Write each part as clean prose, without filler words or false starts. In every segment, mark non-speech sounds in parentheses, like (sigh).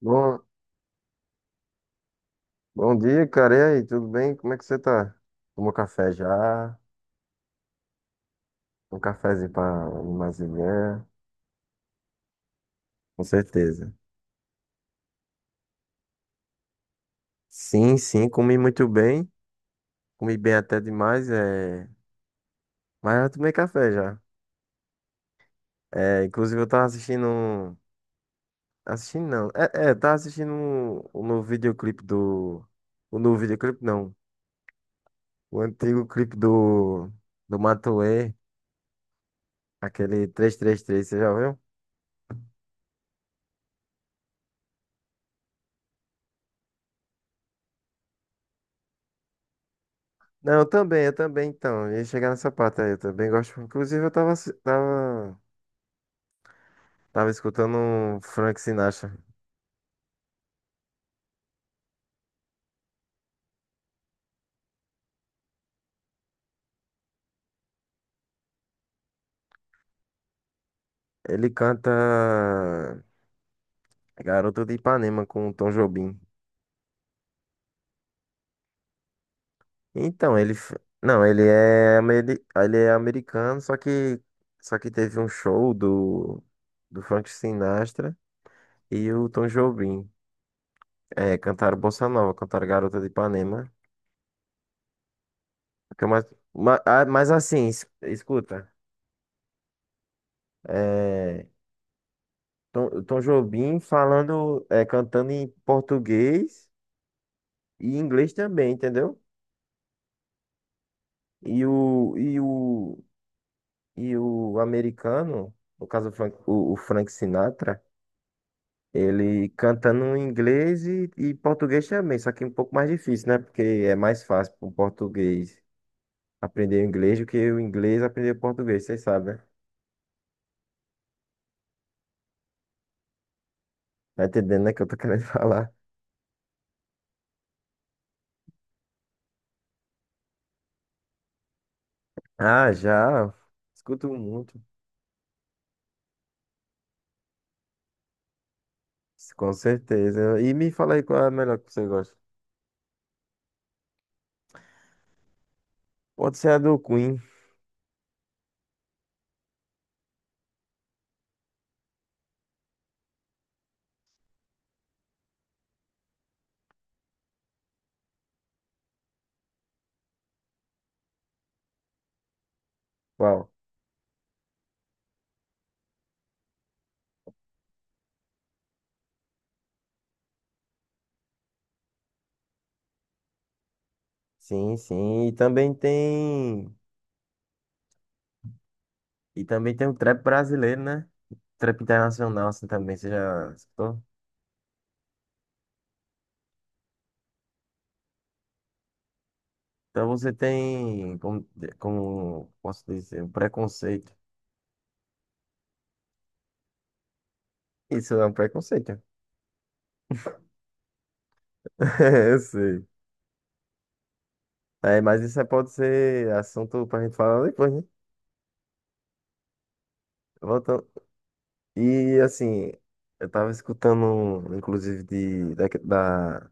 Bom, bom dia, cara. E aí, tudo bem? Como é que você tá? Tomou café já? Um cafezinho pra animar as ideias? Com certeza. Sim, sim, comi muito bem. Comi bem até demais, mas eu tomei café já. É, inclusive eu tava assistindo. Assistindo não. Tava assistindo um novo videoclipe do... O novo videoclipe não. O antigo clipe do... Do Matuê, aquele 333, você já viu? Não, eu também, então. Eu ia chegar nessa parte aí, eu também gosto. Inclusive, eu tava escutando um Frank Sinatra. Ele canta Garoto de Ipanema com o Tom Jobim. Então, ele. Não, ele é, ele é americano, só que teve um show do Frank Sinatra e o Tom Jobim. É, cantaram Bossa Nova, cantaram Garota de Ipanema. O que é mais, mas assim, escuta. é, Tom Jobim falando, cantando em português e inglês também, entendeu? E o, e o, e o americano, no caso o Frank, o Frank Sinatra, ele cantando em inglês e português também, só que um pouco mais difícil, né? Porque é mais fácil para o português aprender o inglês do que o inglês aprender o português, vocês sabem, né? Tá entendendo, né, que eu tô querendo (laughs) falar. Ah, já. Escuto muito. Com certeza. E me fala aí qual é a melhor que você gosta. Pode ser a do Queen. Qual? Sim, sim. E também tem. E também tem o trap brasileiro, né? Trap internacional, assim também, você já escutou? Então você tem, como posso dizer, um preconceito. Isso é um preconceito. (laughs) Eu sei. É, mas isso aí pode ser assunto pra gente falar depois, né? Voltando. E assim, eu tava escutando, inclusive, de, da, da,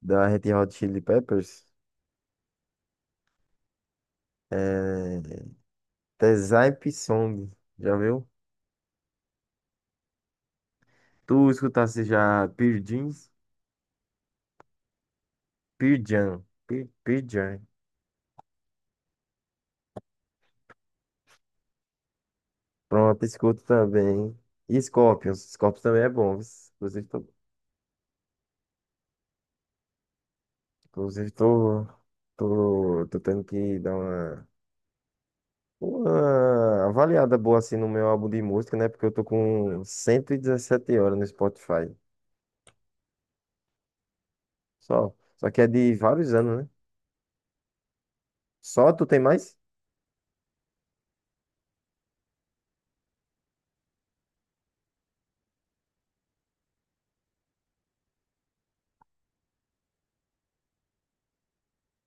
da Red Hot Chili Peppers. é. Tezai Song. Já viu? Tu escutasse já Pearl Jeans? Pearl Jam. Pearl Jam. Pronto, escuto também. E Scorpions. Scorpions também é bom. Viu? Inclusive, tô, inclusive, tô tendo que dar uma avaliada boa assim no meu álbum de música, né? Porque eu tô com 117 horas no Spotify. Só. Só que é de vários anos, né? Só tu tem mais?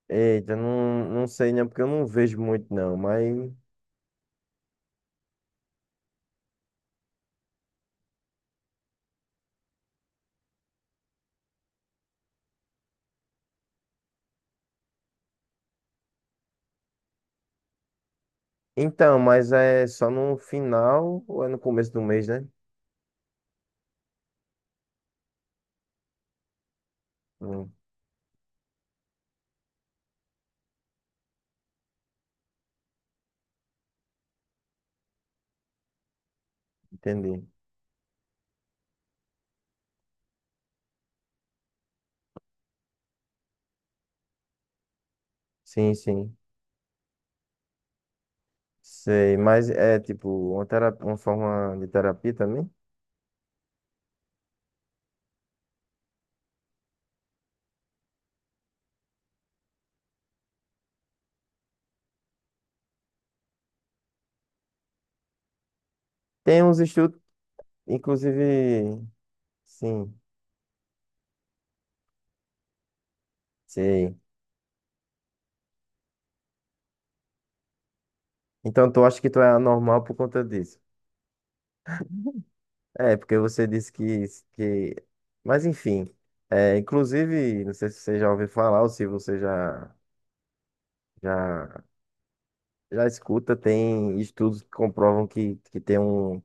Eita, não, não sei, né? Porque eu não vejo muito, não. Mas. Então, mas é só no final ou é no começo do mês, né? Hum, entendi. Sim, sim. Sei, mas é tipo uma terapia, uma forma de terapia também? Tem uns estudos, inclusive, sim, sei. Então, tu acha que tu é anormal por conta disso? É, porque você disse que... Mas enfim, inclusive, não sei se você já ouviu falar ou se você já, já escuta, tem estudos que comprovam que tem um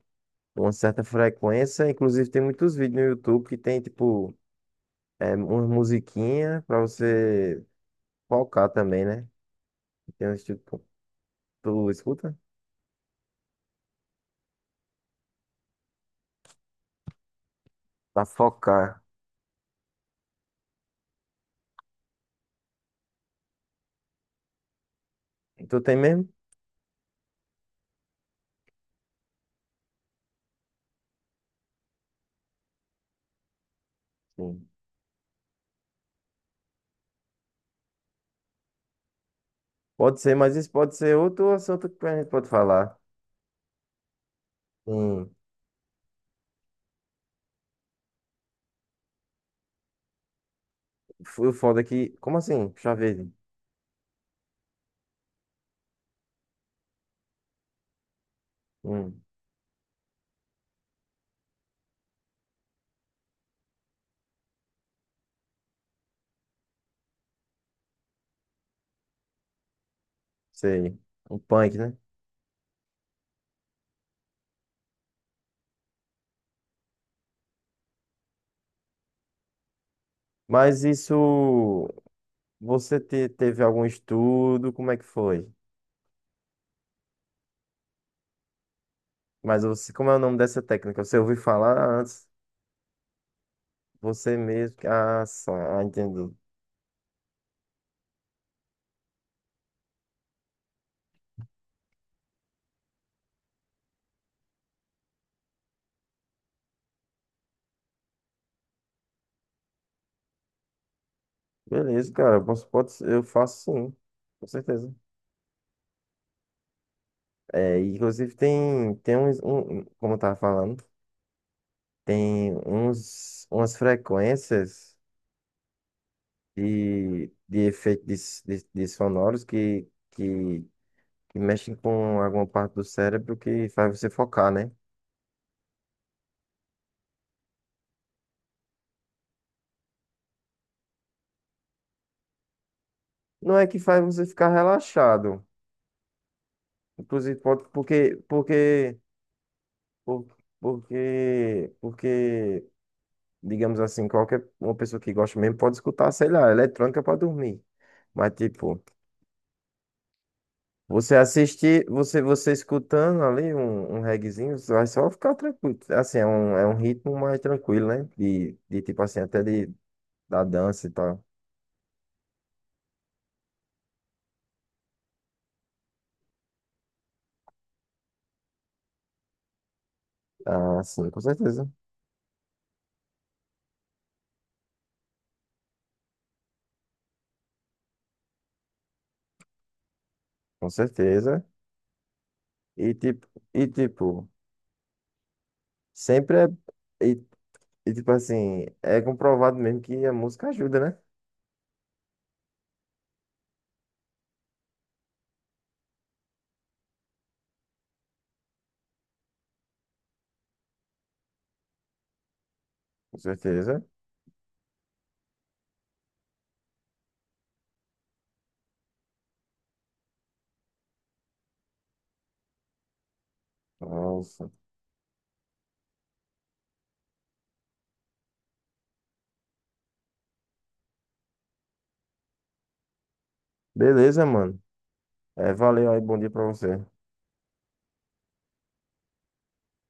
com certa frequência. Inclusive, tem muitos vídeos no YouTube que tem, tipo, uma musiquinha pra você focar também, né? Tem uns tipo, tu escuta? Pra focar. Tu tem mesmo? Sim. Pode ser, mas isso pode ser outro assunto que a gente pode falar. Hum, foi o foda é que. Como assim? Puxa vida. Hum, sei. Um punk, né? Mas isso. Você teve algum estudo? Como é que foi? Mas você, como é o nome dessa técnica? Você ouviu falar antes? Você mesmo. Ah, entendi. Beleza, cara. Eu faço sim. Com certeza. Inclusive tem como eu tava falando, umas frequências de efeitos de sonoros que mexem com alguma parte do cérebro que faz você focar, né? Não é que faz você ficar relaxado. Inclusive pode, por- porque digamos assim, qualquer uma pessoa que gosta mesmo pode escutar, sei lá, eletrônica para dormir. Mas, tipo, você assistir, você escutando ali um reguezinho, você vai só ficar tranquilo. Assim, é um ritmo mais tranquilo, né? De tipo assim, até da dança e tal. Ah, sim, com certeza. Com certeza. E tipo, sempre é. E, e tipo assim, é comprovado mesmo que a música ajuda, né? Com certeza. Nossa. Beleza, mano. É, valeu aí, bom dia pra você.